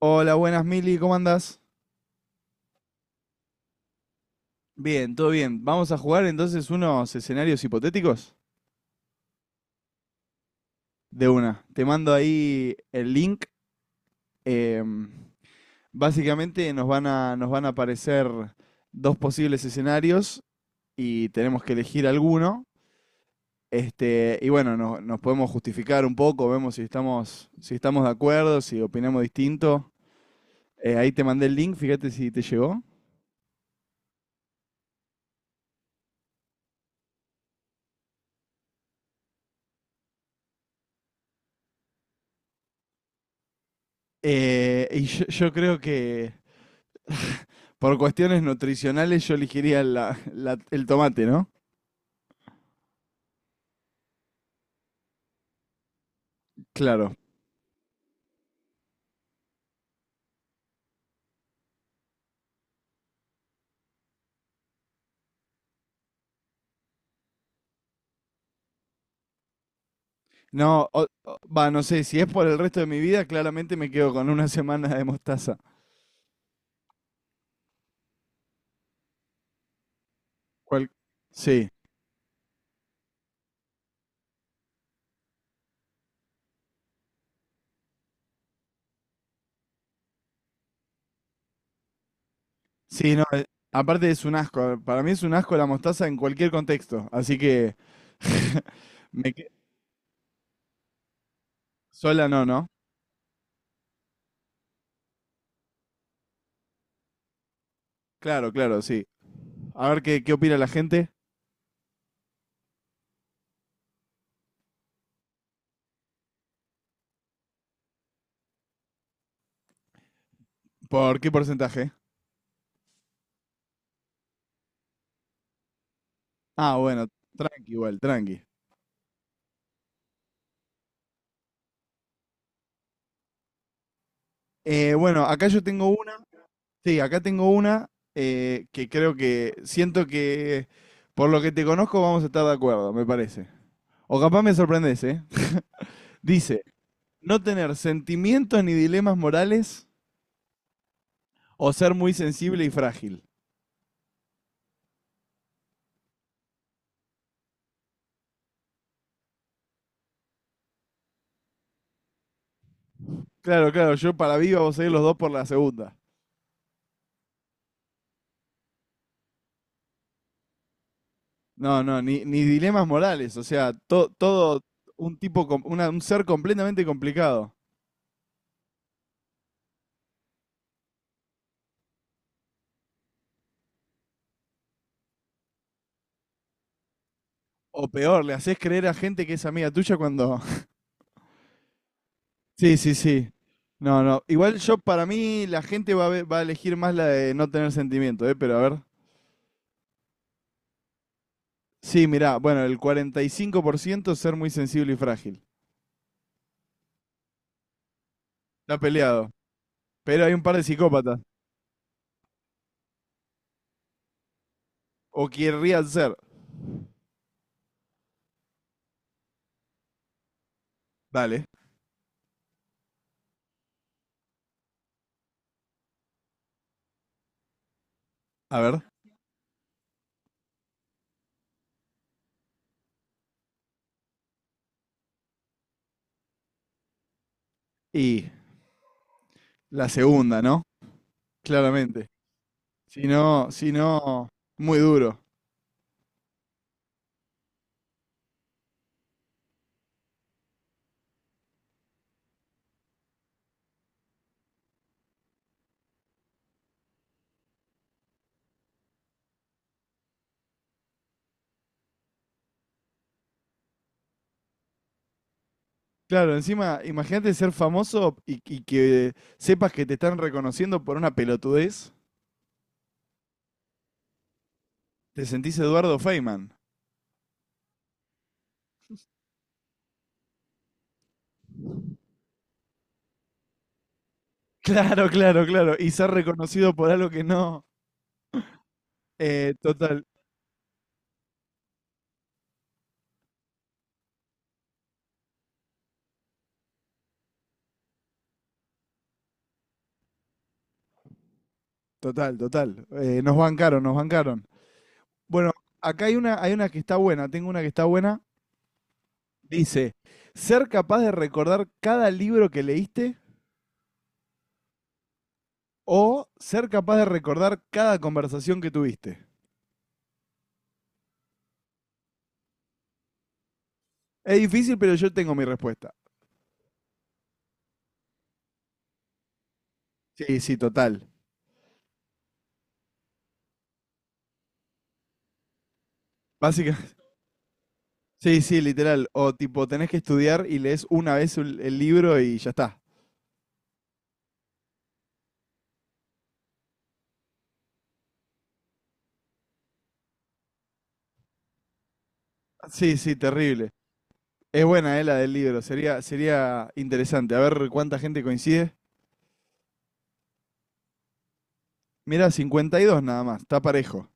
Hola, buenas Mili, ¿cómo andás? Bien, todo bien. Vamos a jugar entonces unos escenarios hipotéticos. De una, te mando ahí el link. em, Básicamente nos van a aparecer dos posibles escenarios y tenemos que elegir alguno. Este, y bueno, nos podemos justificar un poco, vemos si estamos, si estamos de acuerdo, si opinamos distinto. Ahí te mandé el link, fíjate si te llegó. Yo creo que por cuestiones nutricionales yo elegiría el tomate, ¿no? Claro. No, no sé, si es por el resto de mi vida, claramente me quedo con una semana de mostaza. Cual- Sí, sí, no, aparte es un asco, para mí es un asco la mostaza en cualquier contexto, así que. me que- Sola no, ¿no? Claro, claro, sí. A ver qué opina la gente, por qué porcentaje. Ah, bueno, tranqui igual, tranqui. Bueno, acá yo tengo una. Sí, acá tengo una que creo que siento que por lo que te conozco vamos a estar de acuerdo, me parece. O capaz me sorprendes, ¿eh? Dice, no tener sentimientos ni dilemas morales o ser muy sensible y frágil. Claro, claro, yo para viva vos a ir los dos por la segunda. No, no, ni dilemas morales, o sea, todo un tipo, un ser completamente complicado. O peor, le haces creer a gente que es amiga tuya cuando... Sí, sí, sí. No, no. Igual yo, para mí, la gente va a, va a elegir más la de no tener sentimiento, ¿eh? Pero a ver. Sí, mirá, bueno, el 45% es ser muy sensible y frágil. Está peleado. Pero hay un par de psicópatas. O querrían ser. Dale, a ver. Y la segunda, ¿no? Claramente. Si no, si no, muy duro. Claro, encima, imagínate ser famoso y que sepas que te están reconociendo por una pelotudez. Te sentís Eduardo Feynman. Claro, claro, claro. Y ser reconocido por algo que no. Total, total, total. Nos bancaron, nos bancaron. Bueno, acá hay una que está buena. Tengo una que está buena. Dice, ser capaz de recordar cada libro que leíste o ser capaz de recordar cada conversación que tuviste. Es difícil, pero yo tengo mi respuesta. Sí, sí, total. Básica. Sí, sí, literal. O tipo, tenés que estudiar y lees una vez el libro y ya está. Sí, sí, terrible. Es buena, la del libro. Sería, sería interesante. A ver cuánta gente coincide. Mira, 52 nada más. Está parejo.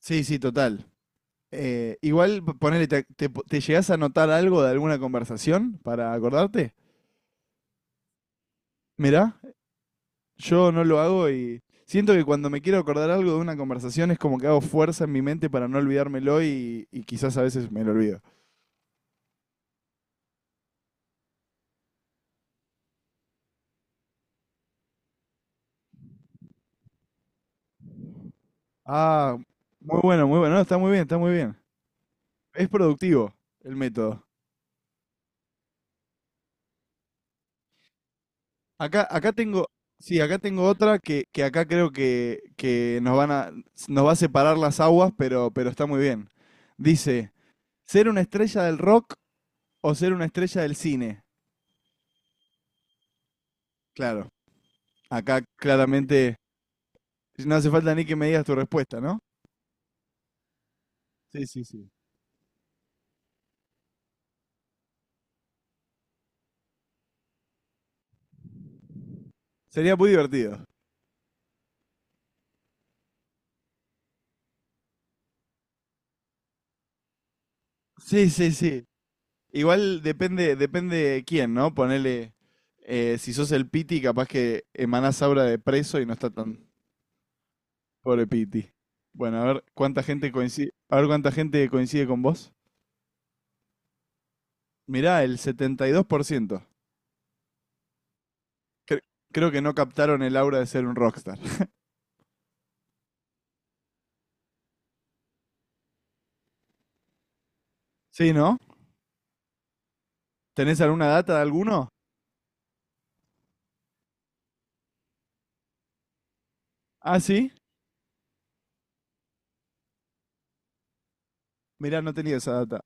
Sí, sí, total. Igual, ponele, ¿te llegás a notar algo de alguna conversación para acordarte? Mirá, yo no lo hago y siento que cuando me quiero acordar algo de una conversación es como que hago fuerza en mi mente para no olvidármelo y quizás a veces me lo olvido. Ah, muy bueno, muy bueno. No, está muy bien, está muy bien. Es productivo el método. Acá, acá tengo, sí, acá tengo otra que, que nos van a... nos va a separar las aguas, pero está muy bien. Dice, ¿ser una estrella del rock o ser una estrella del cine? Claro, acá claramente no hace falta ni que me digas tu respuesta, ¿no? Sí, sí, sí. Sería muy divertido. Sí, sí, sí. Igual depende, depende quién, ¿no? Ponele, si sos el Piti, capaz que emanás aura de preso y no está tan... Pobre Piti. Bueno, a ver cuánta gente coincide, a ver cuánta gente coincide con vos. Mirá, el 72%. Cre- Creo que no captaron el aura de ser un rockstar. Sí, ¿no? ¿Tenés alguna data de alguno? Ah, sí. Mirá, no tenía esa data.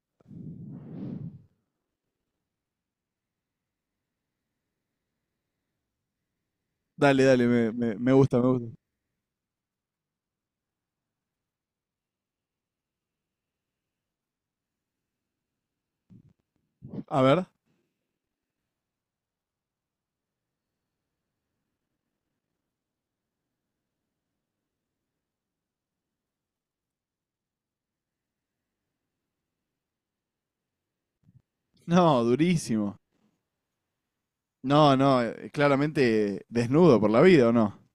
Dale, dale, me gusta, me gusta. A ver. No, durísimo. No, no, claramente desnudo por la vida, ¿o no?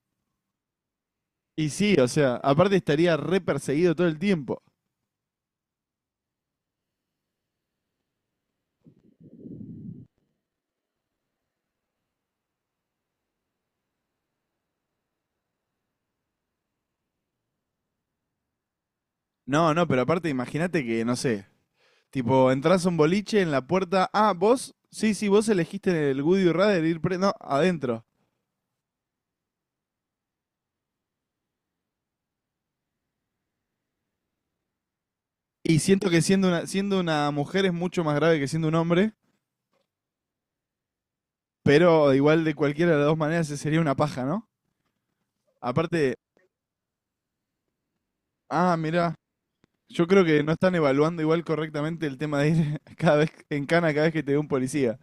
Y sí, o sea, aparte estaría re perseguido todo el tiempo. No, no, pero aparte imagínate que, no sé, tipo, entras a un boliche en la puerta. Ah, vos. Sí, sí, vos elegiste el Goody Radar ir pre. No, adentro. Y siento que siendo una mujer es mucho más grave que siendo un hombre. Pero igual de cualquiera de las dos maneras se sería una paja, ¿no? Aparte, ah, mirá. Yo creo que no están evaluando igual correctamente el tema de ir cada vez en cana cada vez que te ve un policía.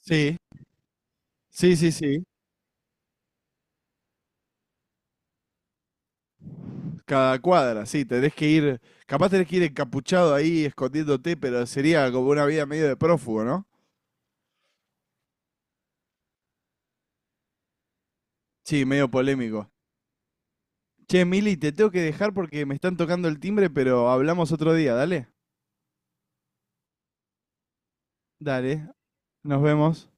Sí, sí, sí, sí. Cada cuadra, sí, tenés que ir, capaz tenés que ir encapuchado ahí escondiéndote, pero sería como una vida medio de prófugo, ¿no? Sí, medio polémico. Che, Mili, te tengo que dejar porque me están tocando el timbre, pero hablamos otro día, dale. Dale, nos vemos.